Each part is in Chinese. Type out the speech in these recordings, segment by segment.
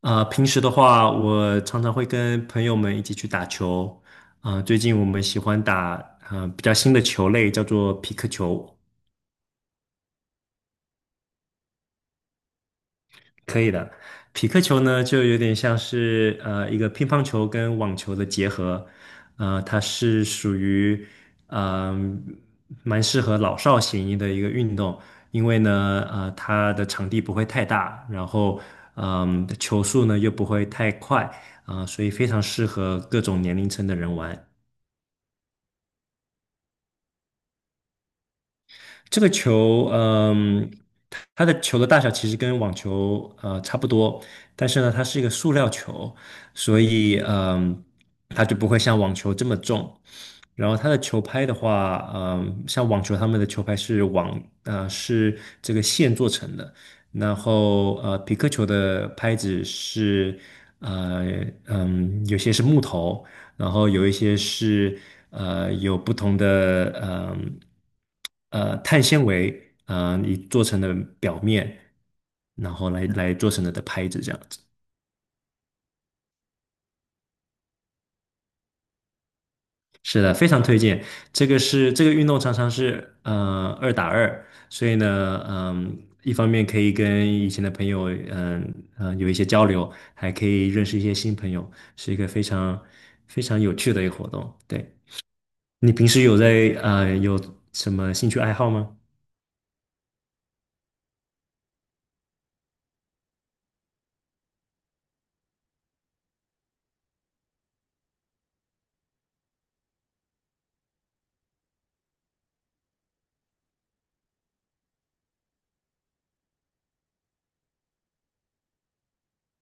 平时的话，我常常会跟朋友们一起去打球。最近我们喜欢打比较新的球类，叫做皮克球。可以的，匹克球呢，就有点像是一个乒乓球跟网球的结合，它是属于嗯、蛮适合老少咸宜的一个运动，因为呢它的场地不会太大，然后球速呢又不会太快，所以非常适合各种年龄层的人玩。这个球，它的球的大小其实跟网球差不多，但是呢，它是一个塑料球，所以它就不会像网球这么重。然后它的球拍的话，像网球他们的球拍是是这个线做成的，然后匹克球的拍子是呃有些是木头，然后有一些是有不同的碳纤维你做成的表面，然后来做成的拍子这样子。是的，非常推荐。这个运动常常是2打2，所以呢，一方面可以跟以前的朋友，有一些交流，还可以认识一些新朋友，是一个非常非常有趣的一个活动。对，你平时有什么兴趣爱好吗？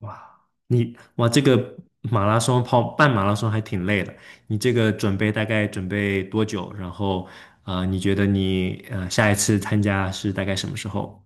哇，这个马拉松跑半马拉松还挺累的。你这个大概准备多久？然后，你觉得你下一次参加是大概什么时候？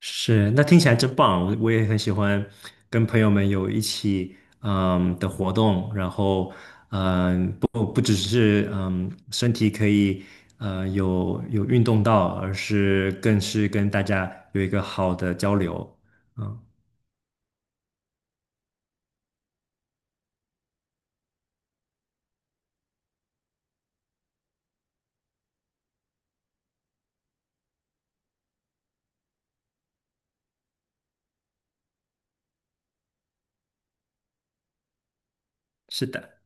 是，那听起来真棒。我也很喜欢跟朋友们有一起的活动，然后不只是身体可以有运动到，而是更是跟大家有一个好的交流。嗯，是的。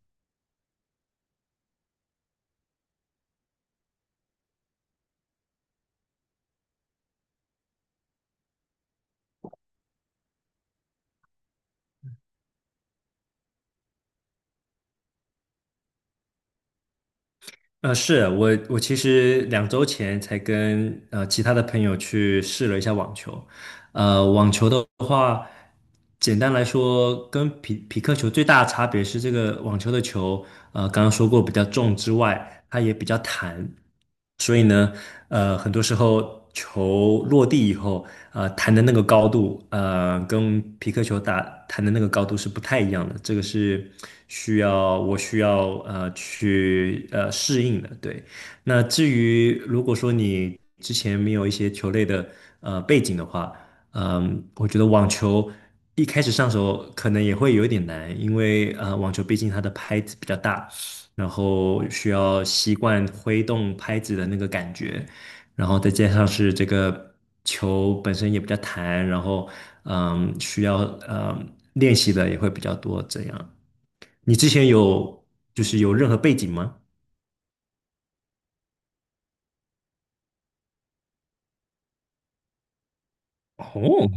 我其实2周前才跟其他的朋友去试了一下网球，网球的话，简单来说，跟匹克球最大的差别是，这个网球的球，刚刚说过比较重之外，它也比较弹，所以呢，很多时候球落地以后，弹的那个高度，跟皮克球打弹的那个高度是不太一样的，这个是我需要去适应的，对。那至于如果说你之前没有一些球类的背景的话，我觉得网球一开始上手可能也会有一点难，因为网球毕竟它的拍子比较大，然后需要习惯挥动拍子的那个感觉，然后再加上是这个球本身也比较弹，然后需要练习的也会比较多。这样，你之前就是有任何背景吗？哦，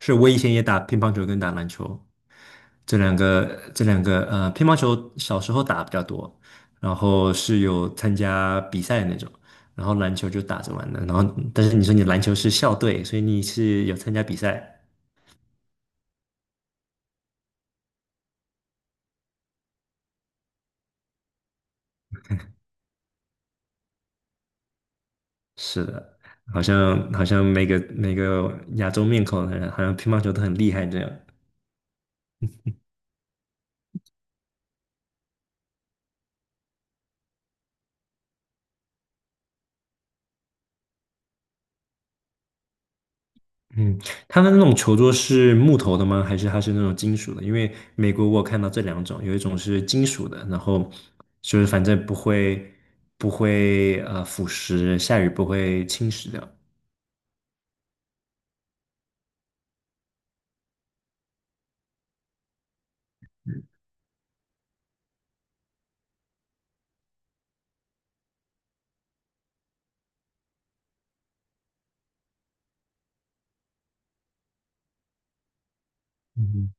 是我以前也打乒乓球跟打篮球。这两个乒乓球小时候打比较多，然后是有参加比赛的那种，然后篮球就打着玩的，但是你说你篮球是校队，所以你是有参加比赛，是的，好像每个亚洲面孔好像乒乓球都很厉害这样，嗯，它的那种球桌是木头的吗？还是它是那种金属的？因为美国我有看到这两种，有一种是金属的，然后就是反正不会腐蚀，下雨不会侵蚀掉。嗯，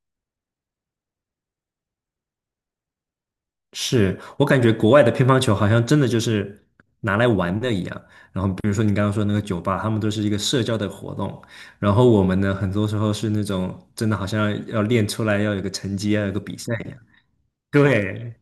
是我感觉国外的乒乓球好像真的就是拿来玩的一样。然后比如说你刚刚说那个酒吧，他们都是一个社交的活动，然后我们呢很多时候是那种真的好像要练出来要有个成绩，要有个比赛一样。对，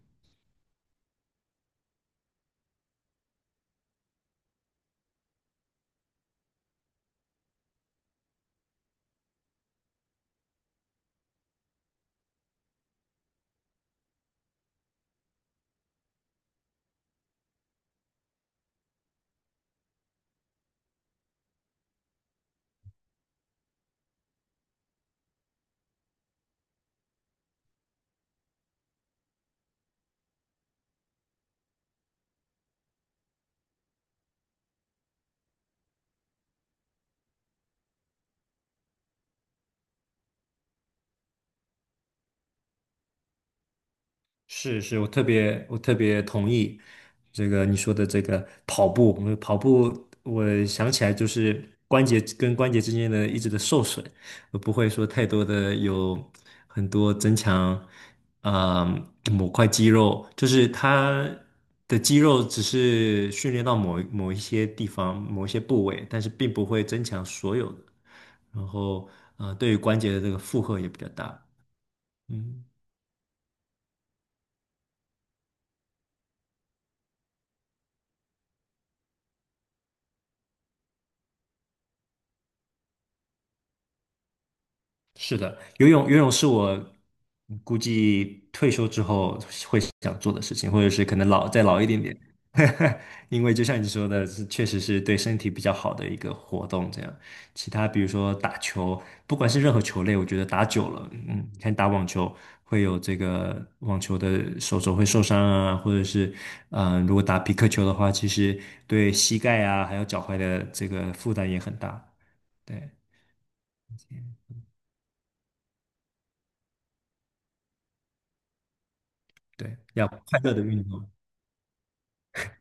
是是，我特别同意你说的这个跑步，因为跑步我想起来就是关节跟关节之间的一直的受损，我不会说太多的有很多增强某块肌肉，就是它的肌肉只是训练到某一些地方某一些部位，但是并不会增强所有的，然后对于关节的这个负荷也比较大，嗯。是的，游泳是我估计退休之后会想做的事情，或者是可能再老一点点，因为就像你说的，确实是对身体比较好的一个活动。这样，其他比如说打球，不管是任何球类，我觉得打久了，你看打网球会有这个网球的手肘会受伤啊，或者是如果打皮克球的话，其实对膝盖啊还有脚踝的这个负担也很大。对对，要快乐的运动。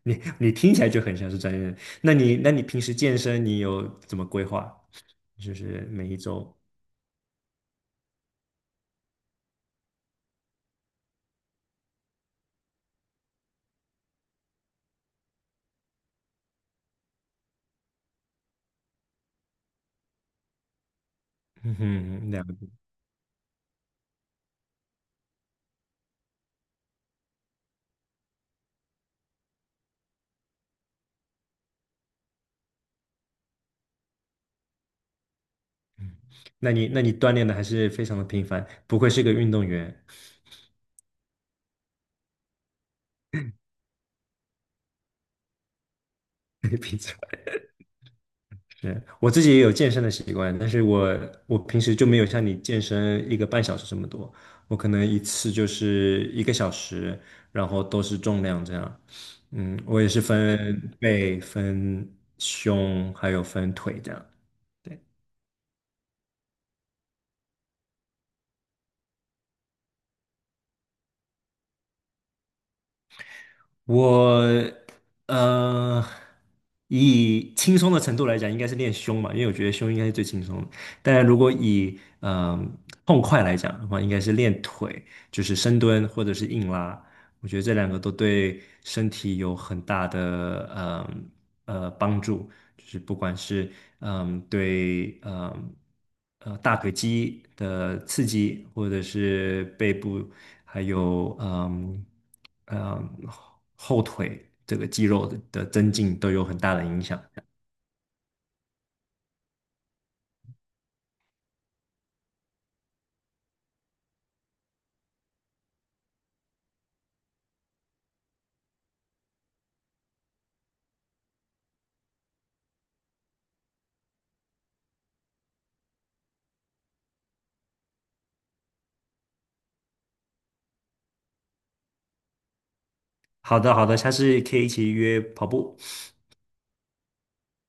你听起来就很像是专业人。那你平时健身你有怎么规划？就是每一周，嗯哼，两个，那你锻炼的还是非常的频繁，不愧是个运动员。平常是我自己也有健身的习惯，但是我平时就没有像你健身一个半小时这么多，我可能一次就是一个小时，然后都是重量这样。嗯，我也是分背、分胸，还有分腿这样。对。我呃，以轻松的程度来讲，应该是练胸嘛，因为我觉得胸应该是最轻松的。但如果以痛快来讲的话，应该是练腿，就是深蹲或者是硬拉。我觉得这两个都对身体有很大的帮助，就是不管是对大腿肌的刺激，或者是背部还有嗯后腿这个肌肉的增进都有很大的影响。好的，好的，下次可以一起约跑步。